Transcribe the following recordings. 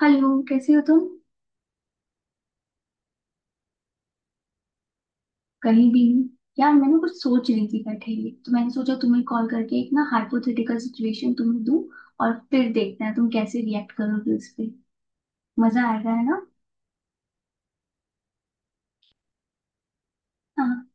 Hello, कैसे हो तुम। कहीं भी नहीं। यार मैं ना कुछ सोच रही थी, बैठे ही तो मैंने सोचा तुम्हें कॉल करके एक ना हाइपोथेटिकल सिचुएशन तुम्हें दूं, और फिर देखते हैं तुम कैसे रिएक्ट करोगे उस पे। मजा आएगा है ना। हाँ।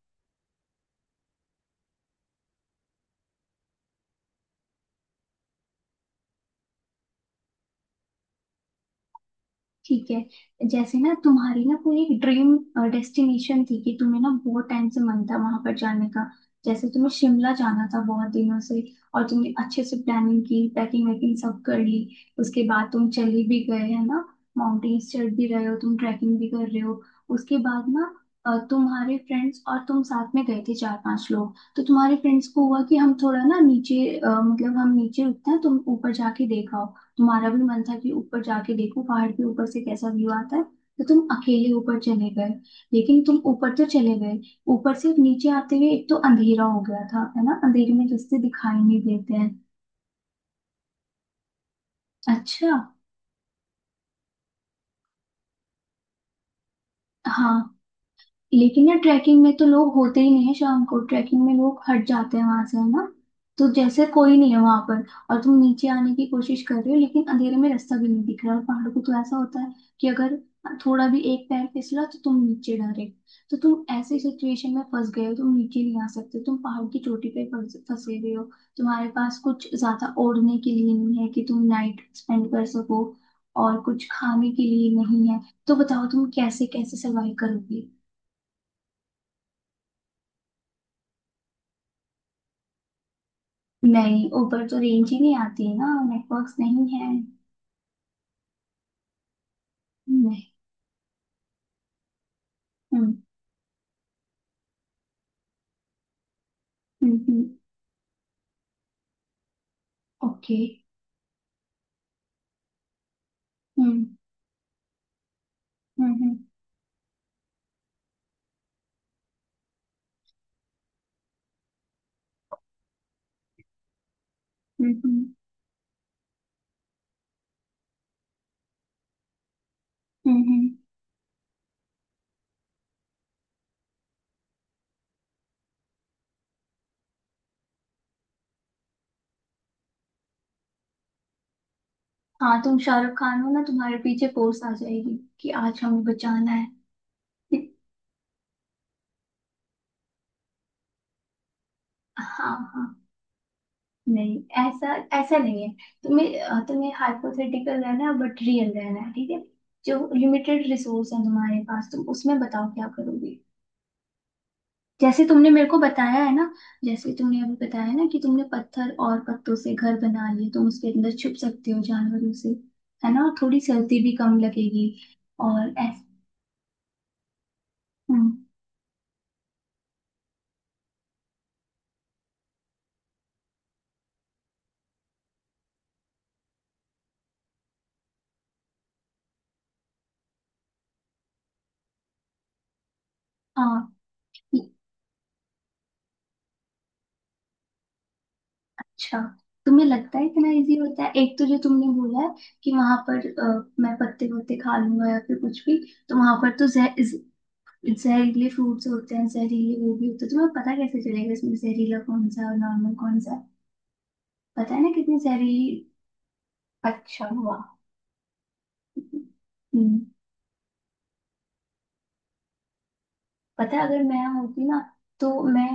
ठीक है, जैसे ना तुम्हारी ना कोई एक ड्रीम डेस्टिनेशन थी कि तुम्हें ना बहुत टाइम से मन था वहां पर जाने का। जैसे तुम्हें शिमला जाना था बहुत दिनों से, और तुमने अच्छे से प्लानिंग की, पैकिंग वैकिंग सब कर ली। उसके बाद तुम चले भी गए है ना, माउंटेन्स चढ़ भी रहे हो तुम, ट्रैकिंग भी कर रहे हो। उसके बाद ना तुम्हारे फ्रेंड्स और तुम साथ में गए थे चार पांच लोग, तो तुम्हारे फ्रेंड्स को हुआ कि हम थोड़ा ना नीचे मतलब हम नीचे रुकते हैं, तुम ऊपर जाके देखो। तुम्हारा भी मन था कि ऊपर जाके देखो पहाड़ के ऊपर से कैसा व्यू आता है, तो तुम अकेले ऊपर चले गए। लेकिन तुम ऊपर तो चले गए, ऊपर से नीचे आते हुए एक तो अंधेरा हो गया था, है ना, अंधेरे में रास्ते दिखाई नहीं देते हैं। अच्छा। हाँ, लेकिन यार ट्रैकिंग में तो लोग होते ही नहीं है, शाम को ट्रैकिंग में लोग हट जाते हैं वहां से, है ना। तो जैसे कोई नहीं है वहां पर, और तुम नीचे आने की कोशिश कर रहे हो लेकिन अंधेरे में रास्ता भी नहीं दिख रहा। और पहाड़ों को तो ऐसा होता है कि अगर थोड़ा भी एक पैर फिसला तो तुम नीचे डायरेक्ट, तो तुम ऐसी सिचुएशन में फंस गए हो, तुम नीचे नहीं आ सकते, तुम पहाड़ की चोटी पे फंसे हुए हो। तुम्हारे पास कुछ ज्यादा ओढ़ने के लिए नहीं है कि तुम नाइट स्पेंड कर सको, और कुछ खाने के लिए नहीं है। तो बताओ, तुम कैसे कैसे सर्वाइव करोगे। नहीं, ऊपर तो रेंज ही नहीं आती है ना, नेटवर्क्स नहीं है। नहीं। हम्म। हम्म, okay, हम्म। ओके। हम्म। हम्म। हम्म, हम्म। हम्म। हम्म। हाँ, तुम शाहरुख खान हो ना, तुम्हारे पीछे पोस्ट आ जाएगी कि आज हमें बचाना है। हाँ हाँ। नहीं, ऐसा ऐसा नहीं है। तुम्हें तुम्हें हाइपोथेटिकल रहना है बट रियल रहना है, ठीक है। जो लिमिटेड रिसोर्स है तुम्हारे पास, तुम उसमें बताओ क्या करोगे। जैसे तुमने मेरे को बताया है ना, जैसे तुमने अभी बताया ना कि तुमने पत्थर और पत्तों से घर बना लिए, तुम उसके अंदर छुप सकते हो जानवरों से, है ना, और थोड़ी सर्दी भी कम लगेगी। और ऐसे। हाँ। ये- अच्छा, तुम्हें लगता है इतना इजी होता है? एक तो जो तुमने बोला है कि वहां पर मैं पत्ते वत्ते खा लूंगा या फिर कुछ भी, तो वहां पर तो जहरीले फ्रूट्स होते हैं, जहरीले वो भी होते हैं। तुम्हें पता कैसे चलेगा इसमें जहरीला कौन सा है और नॉर्मल कौन सा है। पता है ना कितनी जहरीली। अच्छा हुआ। हम्म। पता है, अगर मैं होती ना, तो मैं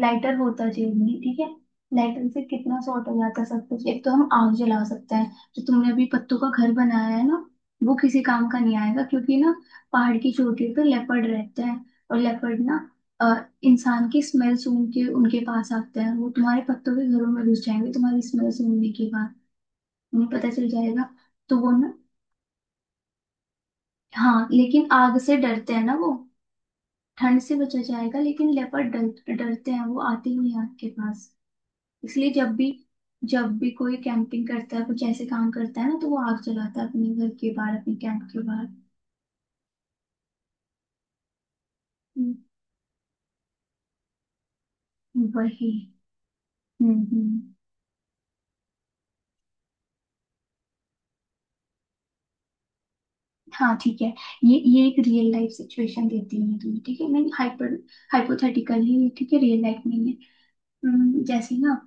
लाइटर होता जेब में, ठीक है। लाइटर से कितना सॉर्ट हो जाता सब कुछ। एक तो हम आग जला सकते हैं। जो तुमने अभी पत्तों का घर बनाया है ना, वो किसी काम का नहीं आएगा, क्योंकि ना पहाड़ की चोटी पे लेपर्ड रहते हैं। और लेपर्ड ना अ, इंसान की स्मेल सूंघ के उनके पास आते हैं। वो तुम्हारे पत्तों के घरों में घुस जाएंगे, तुम्हारी स्मेल सूंघने के बाद उन्हें पता चल जाएगा। तो वो ना। हाँ, लेकिन आग से डरते हैं ना वो। ठंड से बचा जाएगा, लेकिन लेपर्ड डर डरते हैं वो, आते ही नहीं आपके पास। इसलिए जब भी, जब भी कोई कैंपिंग करता है, कुछ ऐसे काम करता है ना, तो वो आग जलाता है अपने घर के बाहर, अपने कैंप के बाहर। हम्म। वही। हम्म। हाँ, ठीक है। ये एक रियल लाइफ सिचुएशन देती हूँ मैं तुम्हें, ठीक है, नहीं, हाइपर हाइपोथेटिकल ही है, ये, ठीक है, रियल लाइफ नहीं है। जैसे ना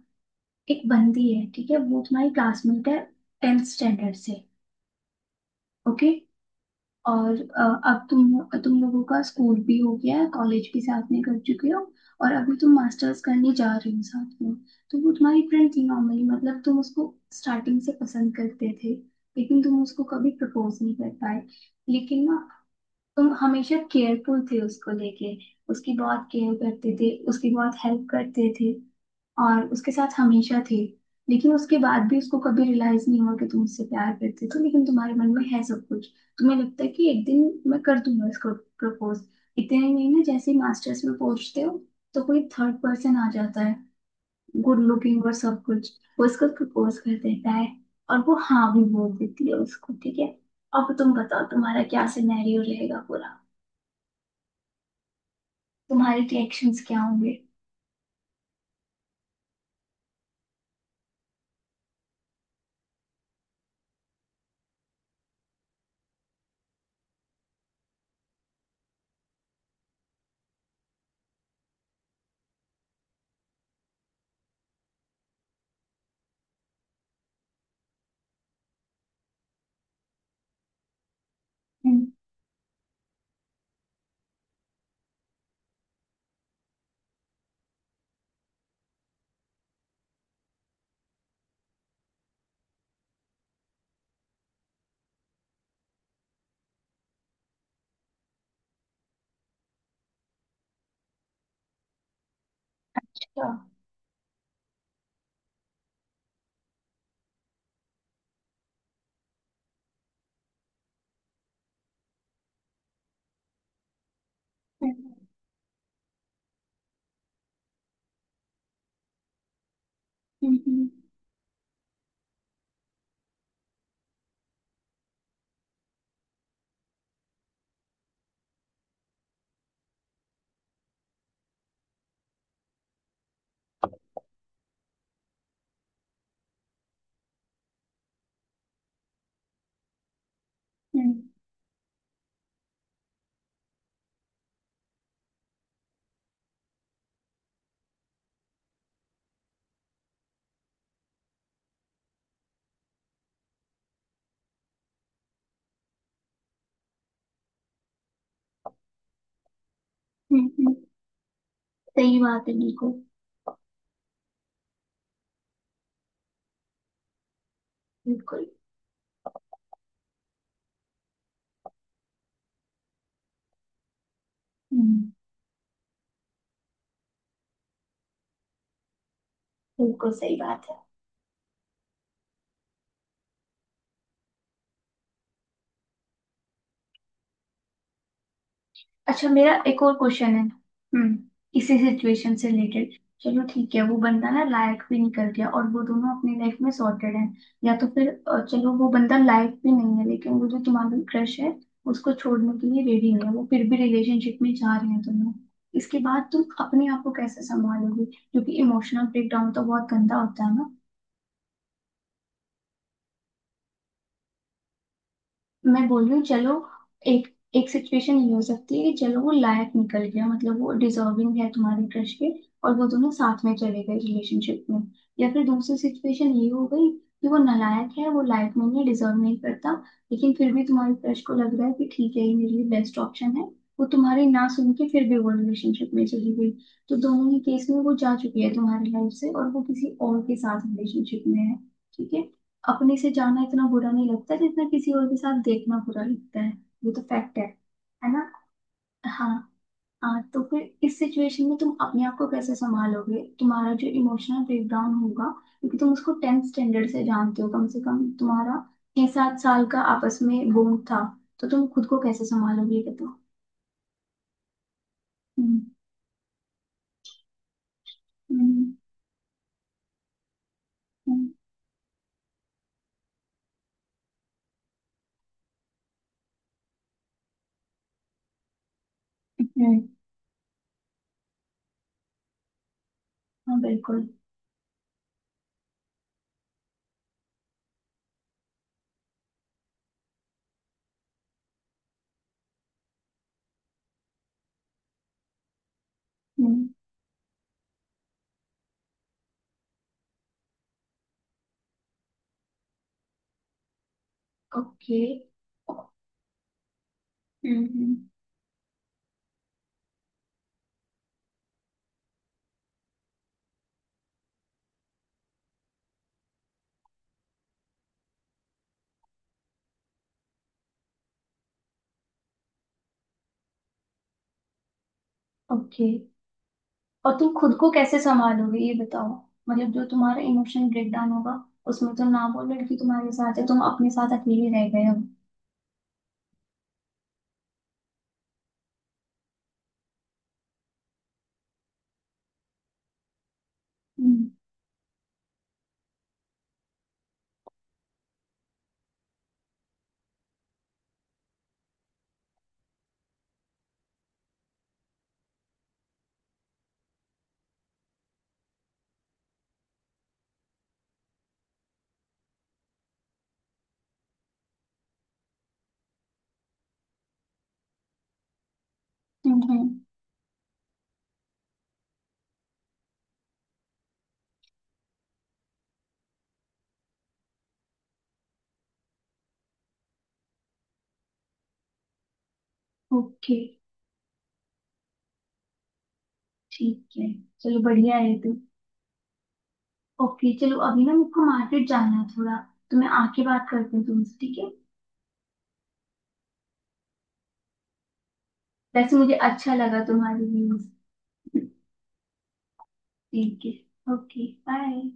एक बंदी है, ठीक है, वो तुम्हारी क्लासमेट है टेंथ स्टैंडर्ड से। ओके। और अब तुम लोगों का स्कूल भी हो गया है, कॉलेज भी साथ में कर चुके हो, और अभी तुम मास्टर्स करने जा रहे हो साथ में। तो वो तुम्हारी फ्रेंड थी नॉर्मली, मतलब तुम उसको स्टार्टिंग से पसंद करते थे, लेकिन तुम उसको कभी प्रपोज नहीं कर पाए। लेकिन ना तुम हमेशा केयरफुल थे उसको लेके, उसकी बहुत केयर करते थे, उसकी बहुत हेल्प करते थे, और उसके साथ हमेशा थे। लेकिन उसके बाद भी उसको कभी रियलाइज नहीं हुआ कि तुम उससे प्यार करते थे, लेकिन तुम्हारे मन में है सब कुछ। तुम्हें लगता है कि एक दिन मैं कर दूंगा इसको प्रपोज। इतने में ना जैसे ही मास्टर्स में पहुंचते हो, तो कोई थर्ड पर्सन आ जाता है, गुड लुकिंग और सब कुछ, वो इसको प्रपोज कर देता है, और वो हाँ भी बोल देती है उसको, ठीक है। अब तुम बताओ, तुम्हारा क्या सिनेरियो रहेगा पूरा, तुम्हारे रिएक्शंस क्या होंगे। हम्म। अच्छा। हम्म। हम्म। हम्म। हम्म। हम्म। सही बात है, बिल्कुल। बिल्कुल। हम्म। बिल्कुल सही बात है। अच्छा, मेरा एक और क्वेश्चन है। हम्म, इसी सिचुएशन से रिलेटेड, चलो, ठीक है, वो बंदा ना लायक भी निकल गया और वो दोनों अपनी लाइफ में सॉर्टेड हैं। या तो फिर चलो, वो बंदा लायक भी नहीं है, लेकिन वो जो तुम्हारा क्रश है उसको छोड़ने के लिए रेडी है, वो फिर भी रिलेशनशिप में जा रहे हैं दोनों। इसके बाद तुम अपने आप को कैसे संभालोगे, क्योंकि इमोशनल ब्रेकडाउन तो बहुत गंदा होता है ना। मैं बोल रही हूँ, चलो, एक, एक सिचुएशन ये हो सकती है कि चलो वो लायक निकल गया, मतलब वो डिजर्विंग है तुम्हारे क्रश के, और वो दोनों साथ में चले गए रिलेशनशिप में। या फिर दूसरी सिचुएशन ये हो गई कि वो नालायक है, वो लायक नहीं है, डिजर्व नहीं करता, लेकिन फिर भी तुम्हारे क्रश को लग रहा है कि ठीक है, ये मेरे लिए बेस्ट ऑप्शन है। वो तुम्हारी ना सुन के फिर भी वो रिलेशनशिप में चली गई। तो दोनों ही केस में वो जा चुकी है तुम्हारी लाइफ से, और वो किसी और के साथ रिलेशनशिप में है, ठीक है। अपने से जाना इतना बुरा नहीं लगता जितना किसी और के साथ देखना बुरा लगता है। ये तो फैक्ट है ना। हाँ। हाँ, तो फिर इस सिचुएशन में तुम अपने आप को कैसे संभालोगे, तुम्हारा जो इमोशनल ब्रेकडाउन होगा, क्योंकि तुम उसको टेंथ स्टैंडर्ड से जानते हो कम से कम, तुम्हारा छह सात साल का आपस में बॉन्ड था। तो तुम खुद को कैसे संभालोगे, ये बताओ। हम्म। हम्म। हम्म, हम्म। हाँ, बिल्कुल। हम्म। ओके। हम्म, हम्म। ओके, और तुम खुद को कैसे संभालोगे, ये बताओ। मतलब जो तुम्हारा इमोशन ब्रेकडाउन होगा, उसमें तुम ना बोलो, लड़की तुम्हारे साथ है, तुम अपने साथ अकेले रह गए हो। हम्म। ओके, ठीक है, चलो, बढ़िया है तू। ओके, चलो अभी ना मुझको मार्केट जाना है थोड़ा, तो मैं आके बात करती हूँ तुमसे, ठीक है। वैसे मुझे अच्छा लगा तुम्हारी व्यूज। ठीक है, ओके, बाय।